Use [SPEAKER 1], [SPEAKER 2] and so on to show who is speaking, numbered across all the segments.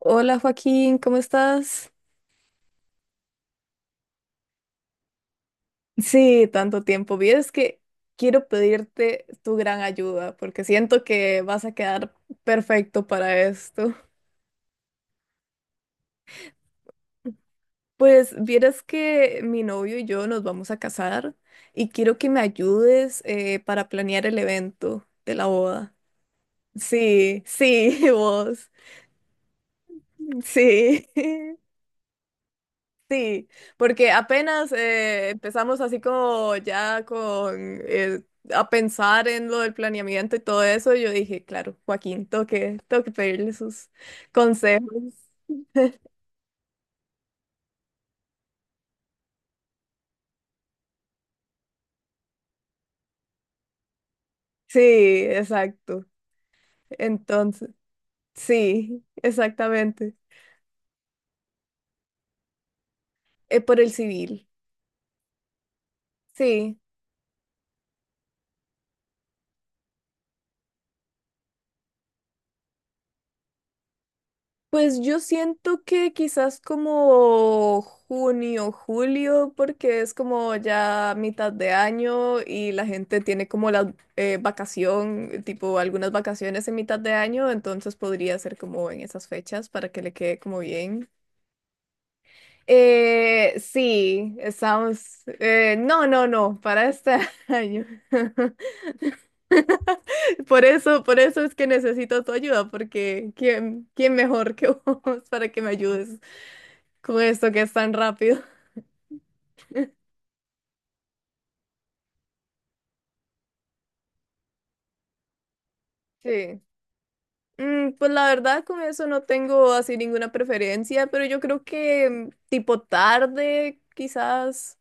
[SPEAKER 1] Hola Joaquín, ¿cómo estás? Sí, tanto tiempo. Vieres que quiero pedirte tu gran ayuda porque siento que vas a quedar perfecto para esto. Pues vieras que mi novio y yo nos vamos a casar y quiero que me ayudes para planear el evento de la boda. Sí, sí, vos. Sí. Sí, porque apenas empezamos así como ya con a pensar en lo del planeamiento y todo eso, yo dije, claro, Joaquín, tengo que pedirle sus consejos. Sí, exacto. Entonces, sí, exactamente. Por el civil. Sí. Pues yo siento que quizás como junio, julio, porque es como ya mitad de año y la gente tiene como la vacación, tipo algunas vacaciones en mitad de año, entonces podría ser como en esas fechas para que le quede como bien. Sí, no, no, no, para este año. Por eso es que necesito tu ayuda, porque quién mejor que vos para que me ayudes? Con esto que es tan rápido. Sí. Pues la verdad, con eso no tengo así ninguna preferencia, pero yo creo que tipo tarde, quizás.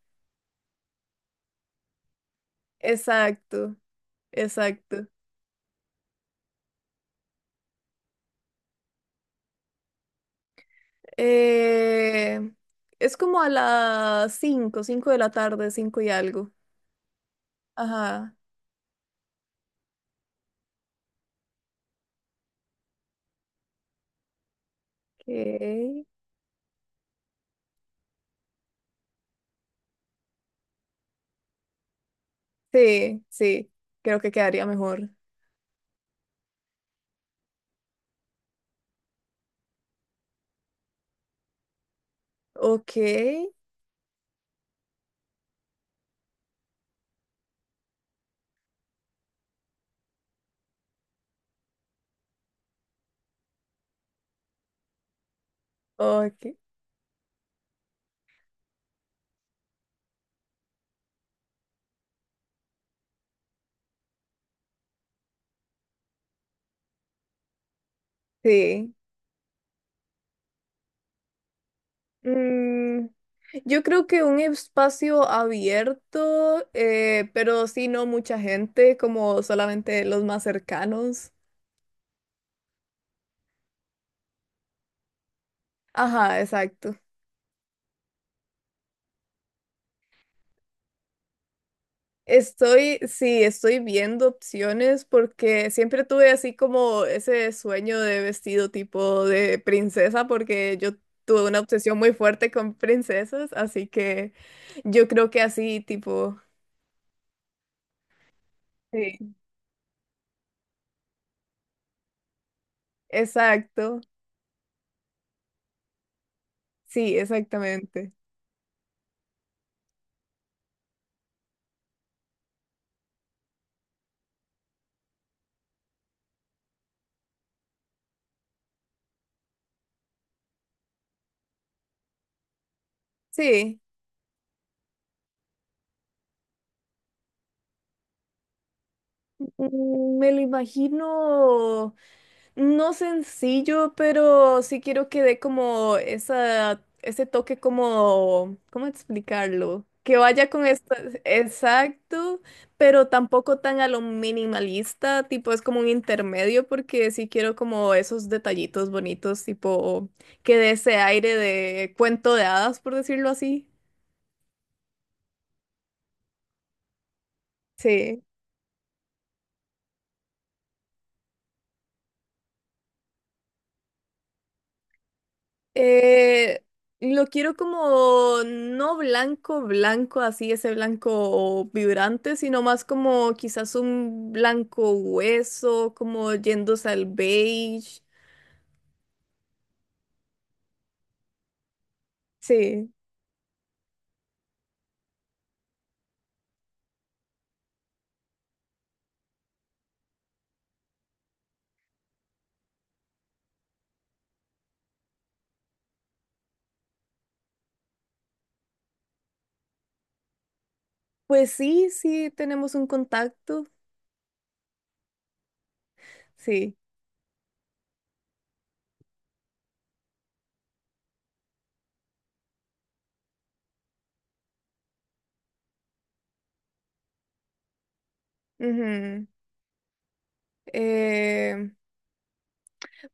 [SPEAKER 1] Exacto, exacto. Eh, es como a las cinco de la tarde, 5 y algo. Ajá. Ok. Sí, sí, creo que quedaría mejor. Ok, ok. Sí. Mm, yo creo que un espacio abierto, pero sí no mucha gente, como solamente los más cercanos. Ajá, exacto. Estoy, sí, estoy viendo opciones porque siempre tuve así como ese sueño de vestido tipo de princesa, porque yo tuve una obsesión muy fuerte con princesas, así que yo creo que así tipo, sí, exacto, sí, exactamente. Sí. Me lo imagino no sencillo, pero sí quiero que dé como esa, ese toque como, ¿cómo explicarlo? Que vaya con esto, exacto, pero tampoco tan a lo minimalista, tipo es como un intermedio, porque sí quiero como esos detallitos bonitos, tipo que dé ese aire de cuento de hadas, por decirlo así. Sí. Eh, lo quiero como no blanco, blanco, así ese blanco vibrante, sino más como quizás un blanco hueso, como yéndose al beige. Sí, pues sí, sí, tenemos un contacto. Sí. Ujú. Eh,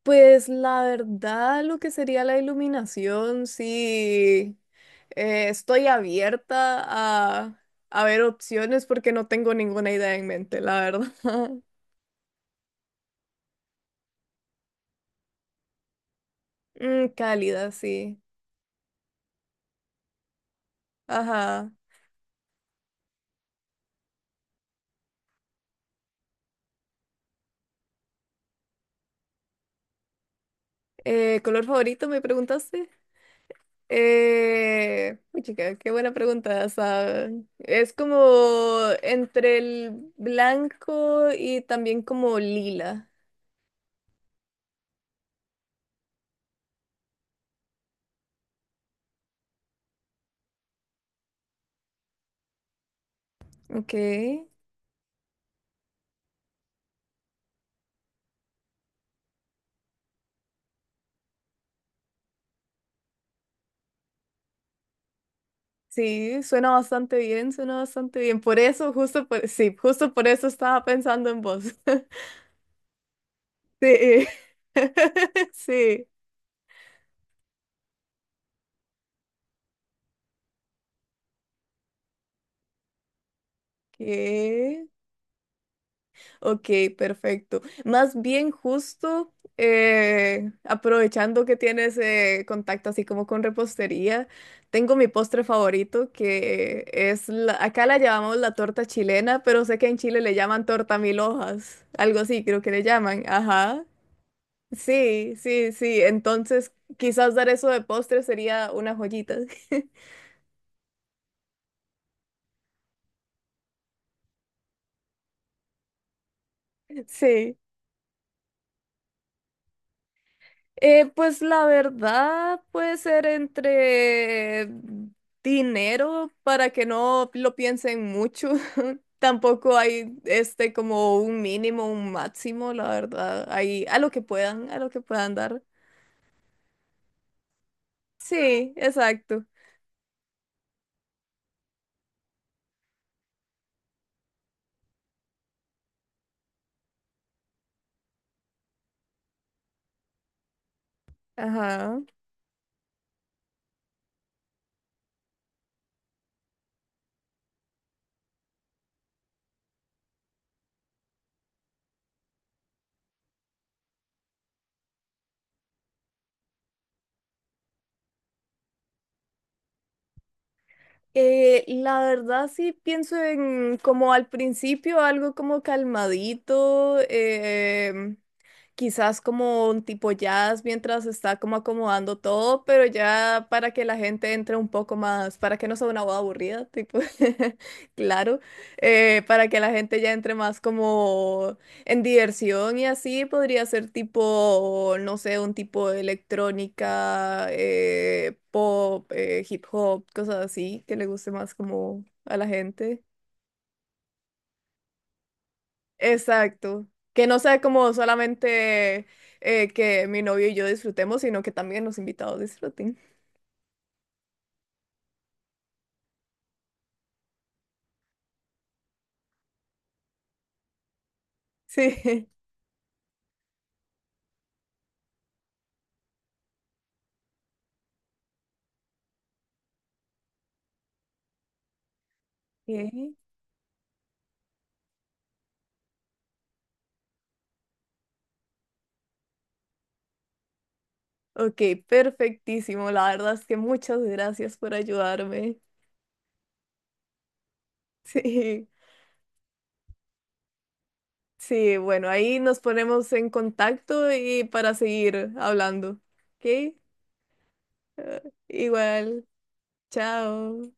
[SPEAKER 1] Pues la verdad, lo que sería la iluminación, sí, estoy abierta a ver opciones porque no tengo ninguna idea en mente, la verdad. Cálida, sí. Ajá. ¿Color favorito me preguntaste? Uy, chica, qué buena pregunta esa. Es como entre el blanco y también como lila. Ok. Sí, suena bastante bien, suena bastante bien. Por eso, justo por, sí, justo por eso estaba pensando en vos. Sí, sí. ¿Qué? Ok, perfecto. Más bien justo, aprovechando que tienes contacto así como con repostería, tengo mi postre favorito que es, la- acá la llamamos la torta chilena, pero sé que en Chile le llaman torta mil hojas, algo así creo que le llaman, ajá. Sí, sí, sí. Entonces, quizás dar eso de postre sería una joyita. Sí. Pues la verdad puede ser entre dinero para que no lo piensen mucho. Tampoco hay este como un mínimo, un máximo, la verdad. Hay a lo que puedan, a lo que puedan dar. Sí, exacto. Ajá. La verdad sí pienso en como al principio algo como calmadito, quizás como un tipo jazz mientras está como acomodando todo, pero ya para que la gente entre un poco más, para que no sea una boda aburrida, tipo, claro, para que la gente ya entre más como en diversión y así podría ser tipo, no sé, un tipo de electrónica, pop, hip hop, cosas así, que le guste más como a la gente. Exacto. Que no sea como solamente que mi novio y yo disfrutemos, sino que también los invitados disfruten. Sí. Ok, ok, perfectísimo. La verdad es que muchas gracias por ayudarme. Sí. Sí, bueno, ahí nos ponemos en contacto y para seguir hablando. ¿Ok? Igual, chao.